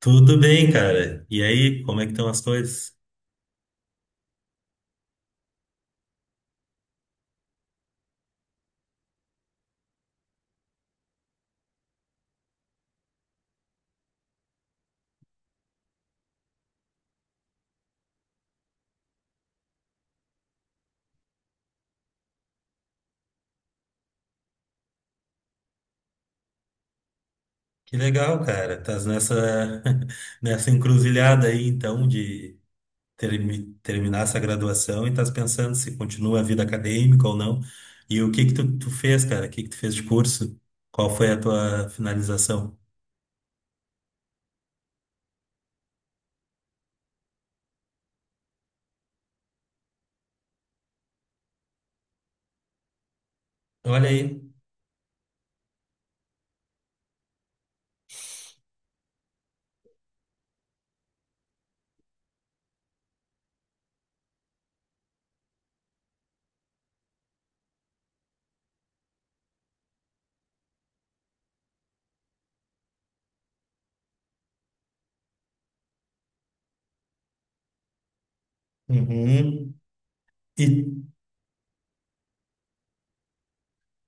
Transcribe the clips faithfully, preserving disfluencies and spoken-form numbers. Tudo bem, cara. E aí, como é que estão as coisas? Que legal, cara. Estás nessa nessa encruzilhada aí, então, de termi- terminar essa graduação e estás pensando se continua a vida acadêmica ou não. E o que que tu, tu fez, cara? O que que tu fez de curso? Qual foi a tua finalização? Olha aí. Uhum. E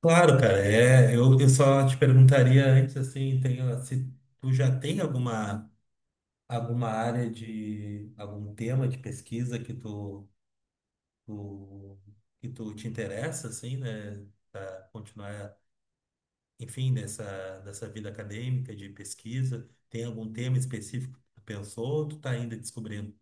claro, cara, é, eu, eu só te perguntaria antes assim, tem, se tu já tem alguma alguma área de algum tema de pesquisa que tu, tu que tu te interessa assim, né, para continuar, enfim, nessa nessa vida acadêmica de pesquisa? Tem algum tema específico que tu pensou ou tu tá ainda descobrindo?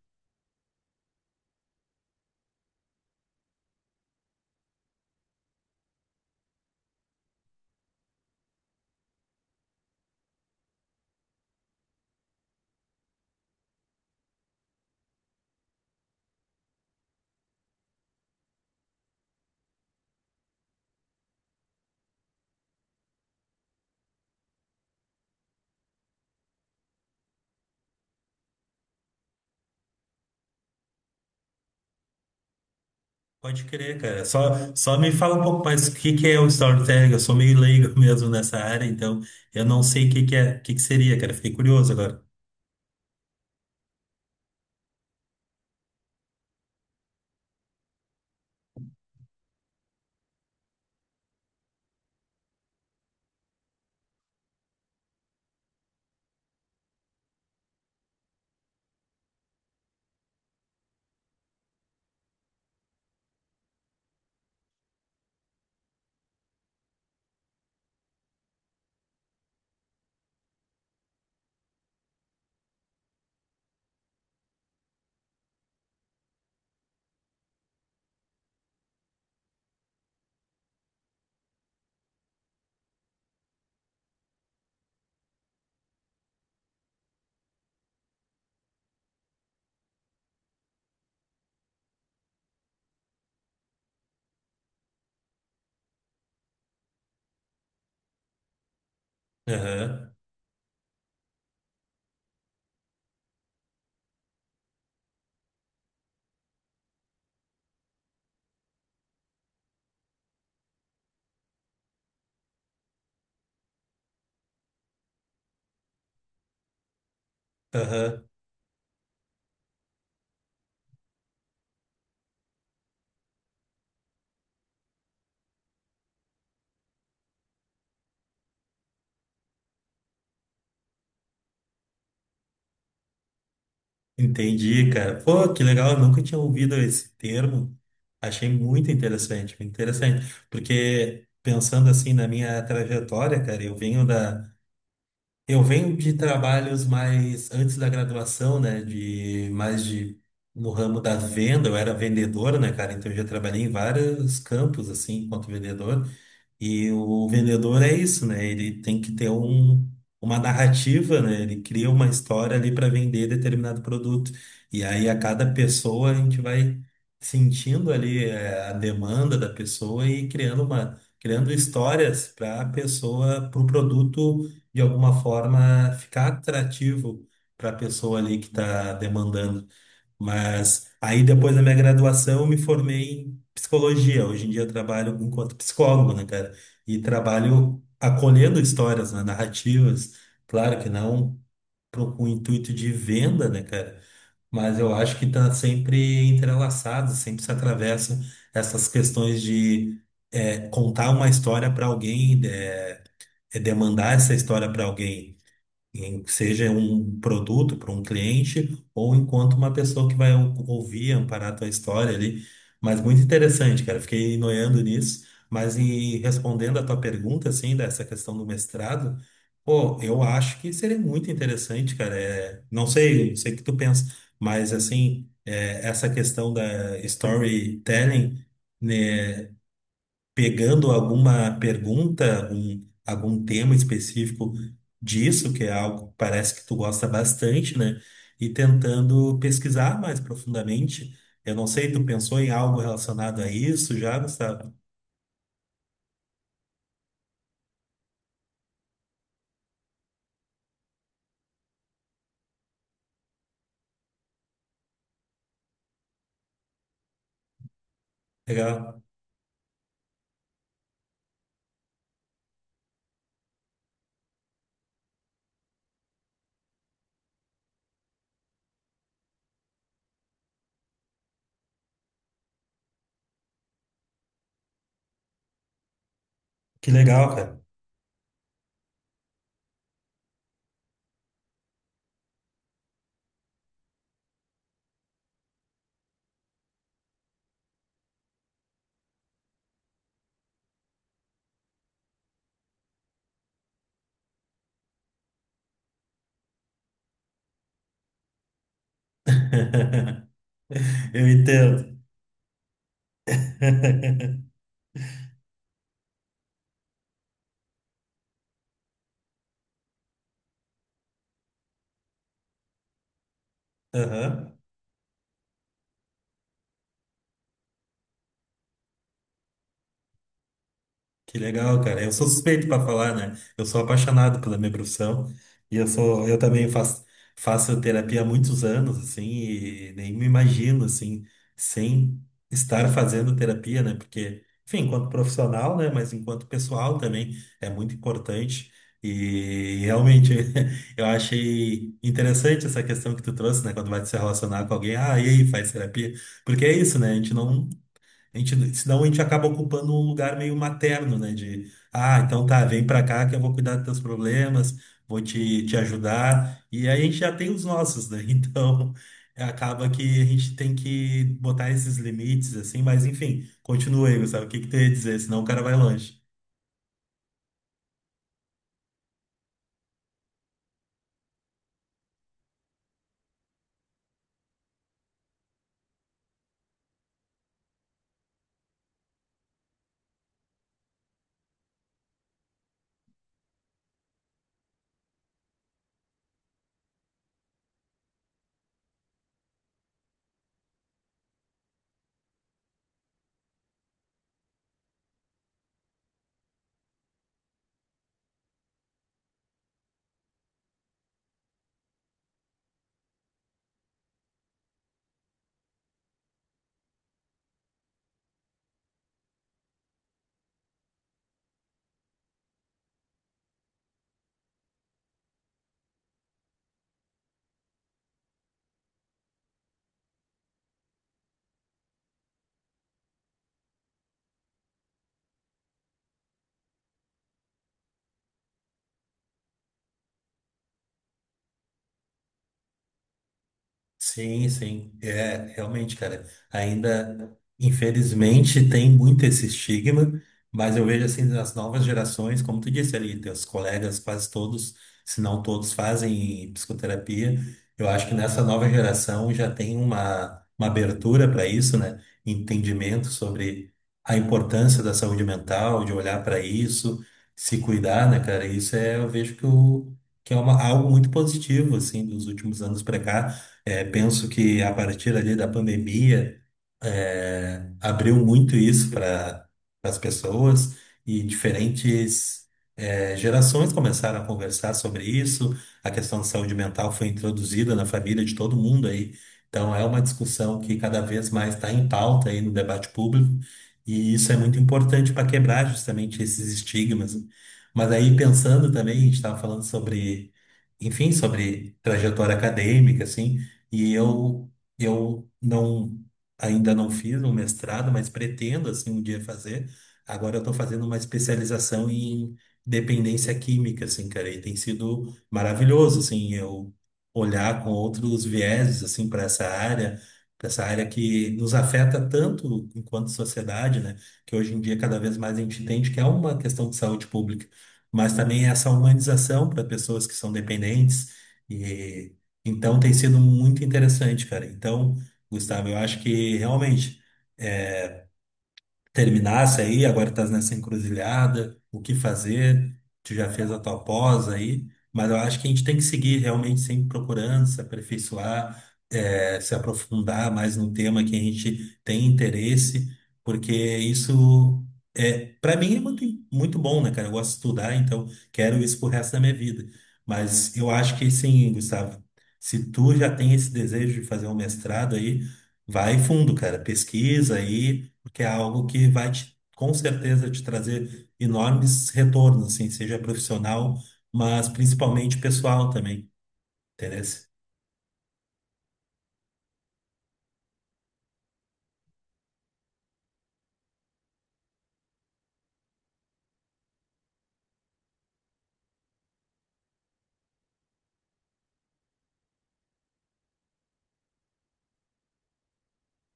Pode crer, cara. Só só me fala um pouco mais o que que é o storytelling. Eu sou meio leigo mesmo nessa área, então eu não sei o que que é, o que que seria, cara. Fiquei curioso agora. Aham. Aham. Entendi, cara. Pô, que legal, eu nunca tinha ouvido esse termo. Achei muito interessante, muito interessante, porque pensando assim na minha trajetória, cara, eu venho da eu venho de trabalhos mais antes da graduação, né, de mais de no ramo da venda, eu era vendedor, né, cara, então eu já trabalhei em vários campos assim, enquanto vendedor. E o vendedor é isso, né? Ele tem que ter um, uma narrativa, né? Ele cria uma história ali para vender determinado produto. E aí a cada pessoa a gente vai sentindo ali eh, a demanda da pessoa e criando uma, criando histórias para a pessoa, para o produto de alguma forma ficar atrativo para a pessoa ali que está demandando. Mas aí depois da minha graduação eu me formei em psicologia. Hoje em dia eu trabalho enquanto psicólogo, né, cara? E trabalho acolhendo histórias, né, narrativas. Claro que não pro- com o intuito de venda, né, cara? Mas eu acho que tá sempre entrelaçado, sempre se atravessa essas questões de é, contar uma história para alguém, de- é, demandar essa história para alguém em- seja um produto para um cliente ou enquanto uma pessoa que vai ou- ouvir, amparar a tua história ali. Mas muito interessante, cara. Fiquei noiando nisso. Mas e respondendo a tua pergunta, assim, dessa questão do mestrado, pô, eu acho que seria muito interessante, cara. É, não sei, eu sei o que tu pensa, mas assim, é, essa questão da storytelling, né? Pegando alguma pergunta, algum, algum tema específico disso, que é algo que parece que tu gosta bastante, né? E tentando pesquisar mais profundamente. Eu não sei, tu pensou em algo relacionado a isso já, Gustavo? Legal. Que legal, cara. Eu entendo. Aham. Que legal, cara. Eu sou suspeito para falar, né? Eu sou apaixonado pela minha profissão e eu sou, eu também faço, faço terapia há muitos anos, assim, e nem me imagino, assim, sem estar fazendo terapia, né? Porque, enfim, enquanto profissional, né? Mas enquanto pessoal também é muito importante. E realmente eu achei interessante essa questão que tu trouxe, né? Quando vai se relacionar com alguém, ah, e aí, faz terapia? Porque é isso, né? A gente não a gente, senão a gente acaba ocupando um lugar meio materno, né? De, ah, então tá, vem pra cá que eu vou cuidar dos teus problemas, vou te, te ajudar. E aí a gente já tem os nossos, né? Então acaba que a gente tem que botar esses limites, assim, mas enfim, continua aí, sabe? O que que tu ia dizer? Senão o cara vai longe. Sim, sim, é realmente, cara. Ainda, infelizmente, tem muito esse estigma, mas eu vejo assim nas novas gerações, como tu disse ali, teus colegas, quase todos, se não todos, fazem psicoterapia. Eu acho que nessa nova geração já tem uma, uma abertura para isso, né? Entendimento sobre a importância da saúde mental, de olhar para isso, se cuidar, né, cara? Isso é, eu vejo que, o, que é uma, algo muito positivo, assim, dos últimos anos para cá é, penso que a partir ali da pandemia, é, abriu muito isso para as pessoas e diferentes é, gerações começaram a conversar sobre isso. A questão de saúde mental foi introduzida na família de todo mundo aí. Então é uma discussão que cada vez mais está em pauta aí no debate público e isso é muito importante para quebrar justamente esses estigmas. Mas aí pensando também, a gente estava falando sobre, enfim, sobre trajetória acadêmica, assim, e eu eu não ainda não fiz um mestrado, mas pretendo assim um dia fazer. Agora eu estou fazendo uma especialização em dependência química, assim, cara, e tem sido maravilhoso, assim, eu olhar com outros vieses assim para essa área, para essa área que nos afeta tanto enquanto sociedade, né? Que hoje em dia cada vez mais a gente entende que é uma questão de saúde pública, mas também essa humanização para pessoas que são dependentes e então tem sido muito interessante, cara. Então Gustavo, eu acho que realmente terminasse aí, agora estás nessa encruzilhada, o que fazer, tu já fez a tua pós aí, mas eu acho que a gente tem que seguir realmente sempre procurando se aperfeiçoar, eh, se aprofundar mais num tema que a gente tem interesse, porque isso é, para mim é muito, muito bom, né, cara? Eu gosto de estudar, então quero isso pro resto da minha vida. Mas eu acho que sim, Gustavo, se tu já tem esse desejo de fazer um mestrado aí, vai fundo, cara, pesquisa aí, porque é algo que vai te, com certeza te trazer enormes retornos, assim, seja profissional, mas principalmente pessoal também, entendeu?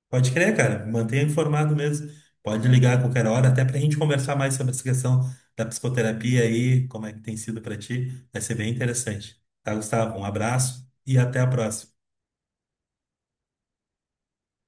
Pode crer, cara, mantenha informado mesmo. Pode ligar a qualquer hora, até para a gente conversar mais sobre essa questão da psicoterapia aí, como é que tem sido para ti. Vai ser bem interessante. Tá, Gustavo? Um abraço e até a próxima.